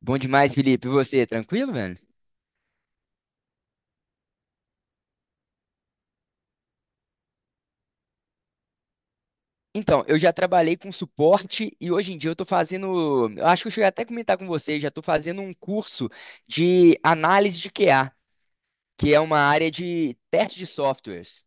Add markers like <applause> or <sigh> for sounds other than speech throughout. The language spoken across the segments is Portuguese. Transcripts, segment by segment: Bom demais, Felipe. E você, tranquilo, velho? Então, eu já trabalhei com suporte e hoje em dia eu tô fazendo. Eu acho que eu cheguei até a comentar com você, já tô fazendo um curso de análise de QA, que é uma área de teste de softwares.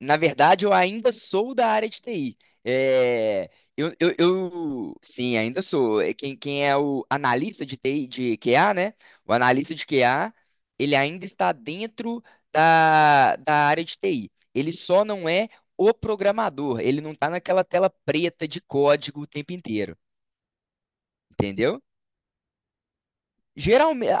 Na verdade, eu ainda sou da área de TI. É, sim, ainda sou. É. Quem é o analista de TI, de QA, né? O analista de QA, ele ainda está dentro da área de TI. Ele só não é o programador. Ele não está naquela tela preta de código o tempo inteiro, entendeu? Geralmente,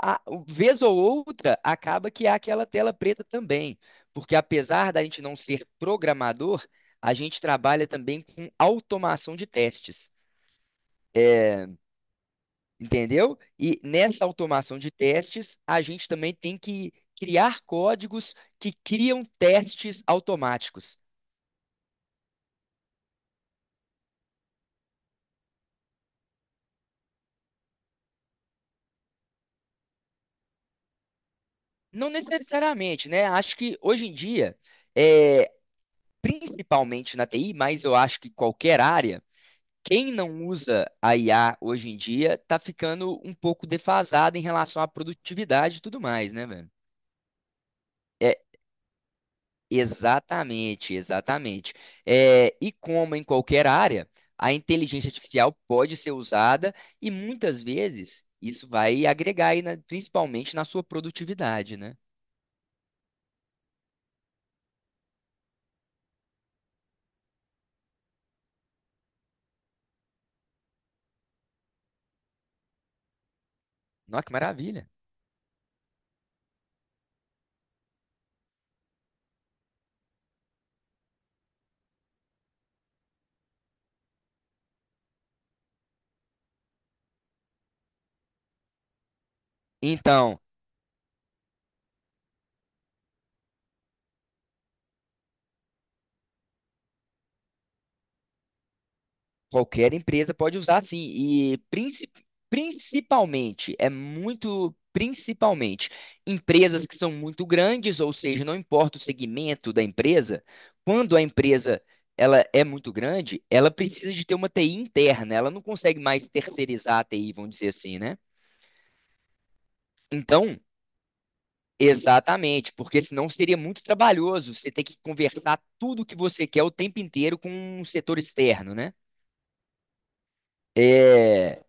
vez ou outra, acaba que há aquela tela preta também, porque apesar da gente não ser programador, a gente trabalha também com automação de testes, entendeu? E nessa automação de testes, a gente também tem que criar códigos que criam testes automáticos. Não necessariamente, né? Acho que hoje em dia, é, principalmente na TI, mas eu acho que qualquer área, quem não usa a IA hoje em dia tá ficando um pouco defasado em relação à produtividade e tudo mais, né, velho? É, exatamente, exatamente. É, e como em qualquer área, a inteligência artificial pode ser usada e muitas vezes isso vai agregar aí, principalmente na sua produtividade, né? Nossa, que maravilha. Então, qualquer empresa pode usar sim, e principalmente, é muito principalmente, empresas que são muito grandes, ou seja, não importa o segmento da empresa, quando a empresa ela é muito grande, ela precisa de ter uma TI interna, ela não consegue mais terceirizar a TI, vamos dizer assim, né? Então, exatamente, porque senão seria muito trabalhoso você ter que conversar tudo que você quer o tempo inteiro com um setor externo, né? É.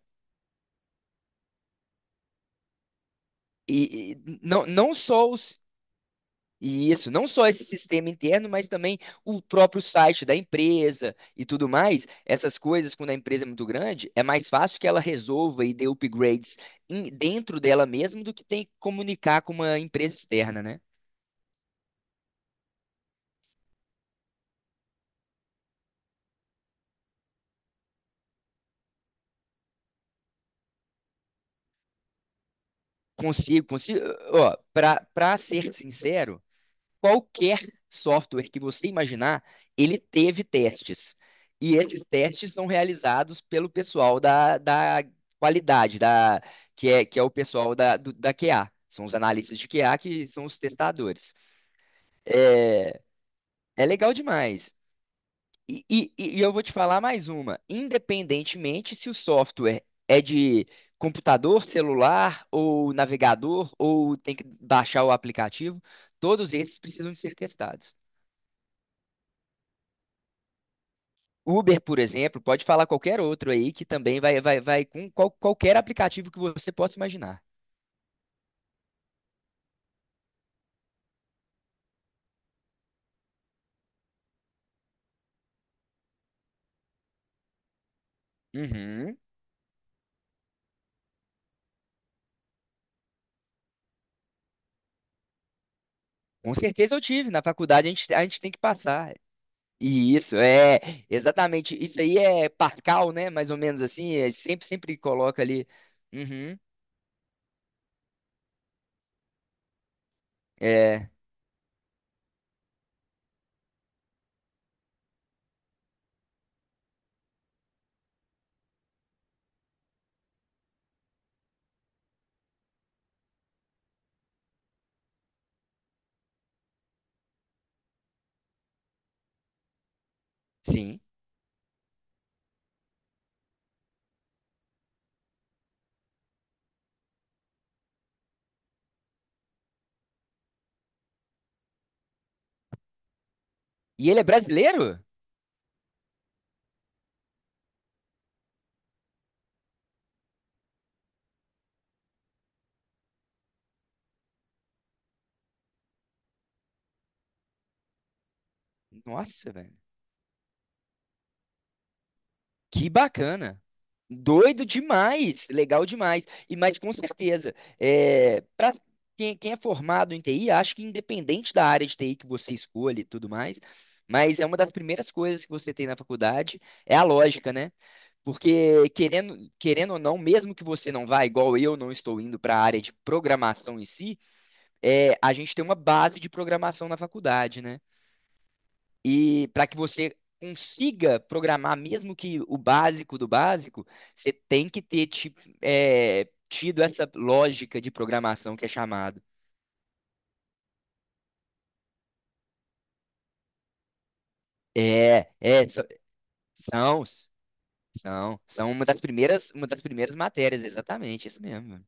E, e não, não só os, e não só esse sistema interno, mas também o próprio site da empresa e tudo mais. Essas coisas, quando a empresa é muito grande, é mais fácil que ela resolva e dê upgrades dentro dela mesma do que tem que comunicar com uma empresa externa, né? Consigo. Ó, para ser sincero, qualquer software que você imaginar, ele teve testes. E esses testes são realizados pelo pessoal da qualidade, que é o pessoal da QA. São os analistas de QA que são os testadores. É legal demais. E eu vou te falar mais uma. Independentemente se o software é de computador, celular ou navegador, ou tem que baixar o aplicativo, todos esses precisam de ser testados. Uber, por exemplo, pode falar qualquer outro aí que também vai com qualquer aplicativo que você possa imaginar. Uhum. Com certeza eu tive. Na faculdade a gente tem que passar. E isso é exatamente. Isso aí é Pascal, né? Mais ou menos assim. É, sempre coloca ali. Uhum. É, sim. E ele é brasileiro? Nossa, velho. Que bacana. Doido demais, legal demais. E mas com certeza, é, para quem é formado em TI, acho que independente da área de TI que você escolhe e tudo mais, mas é uma das primeiras coisas que você tem na faculdade é a lógica, né? Porque querendo ou não, mesmo que você não vá, igual eu não estou indo para a área de programação em si, é, a gente tem uma base de programação na faculdade, né? E para que você consiga programar, mesmo que o básico do básico, você tem que tido essa lógica de programação que é chamado. É, é, so- são, São uma das primeiras matérias, exatamente, isso mesmo.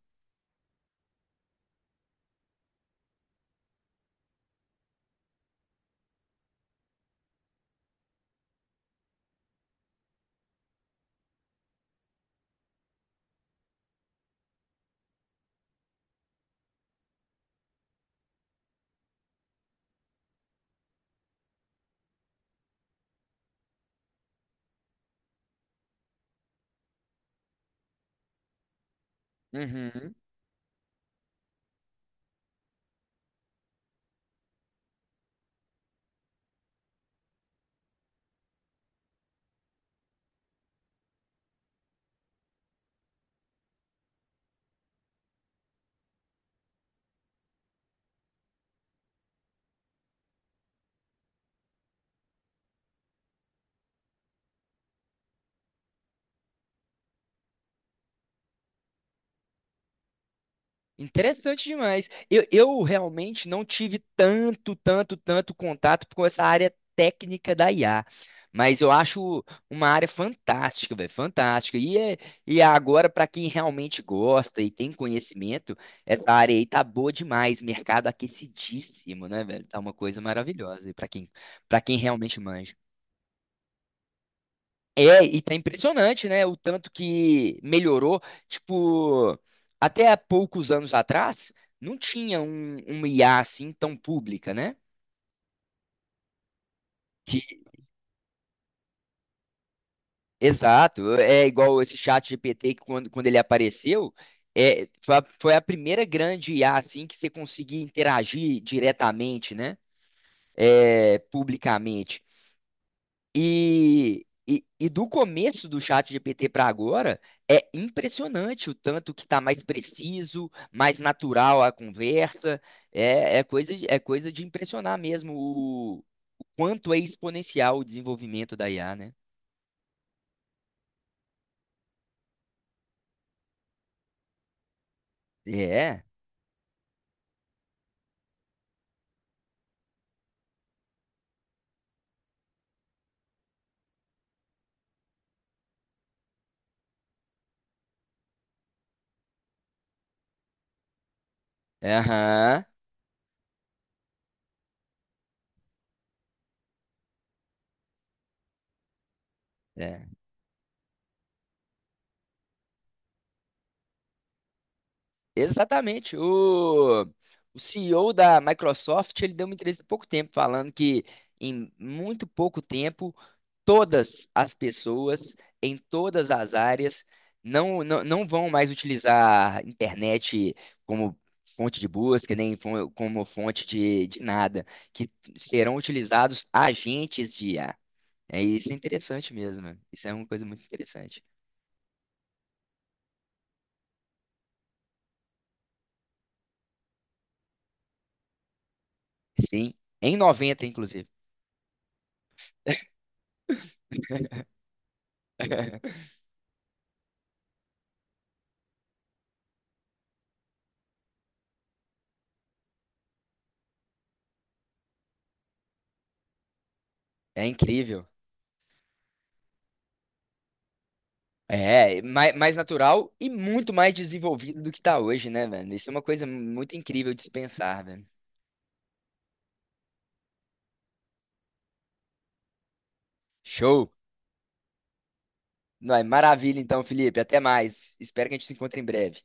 Uhum. Interessante demais. Eu realmente não tive tanto contato com essa área técnica da IA, mas eu acho uma área fantástica, velho, fantástica. E é agora, para quem realmente gosta e tem conhecimento, essa área aí tá boa demais, mercado aquecidíssimo, né, velho? Tá uma coisa maravilhosa. E para quem realmente manja. É, e tá impressionante, né? O tanto que melhorou. Tipo, até há poucos anos atrás, não tinha uma IA assim tão pública, né? Que, exato, é igual esse chat GPT que quando ele apareceu, é, foi a primeira grande IA assim que você conseguia interagir diretamente, né? É, publicamente. E do começo do chat GPT para agora, é impressionante o tanto que está mais preciso, mais natural a conversa. É, é coisa de impressionar mesmo o quanto é exponencial o desenvolvimento da IA, né? É, aham, é. Exatamente. O CEO da Microsoft, ele deu uma entrevista há pouco tempo falando que em muito pouco tempo todas as pessoas em todas as áreas não vão mais utilizar a internet como fonte de busca, nem fo- como fonte de nada, que serão utilizados agentes de IA. É, isso é interessante mesmo, mano. Isso é uma coisa muito interessante. Sim, em 90 inclusive. <laughs> É incrível. É, mais natural e muito mais desenvolvido do que está hoje, né, velho? Isso é uma coisa muito incrível de se pensar, velho. Show! Não, é maravilha então, Felipe. Até mais. Espero que a gente se encontre em breve.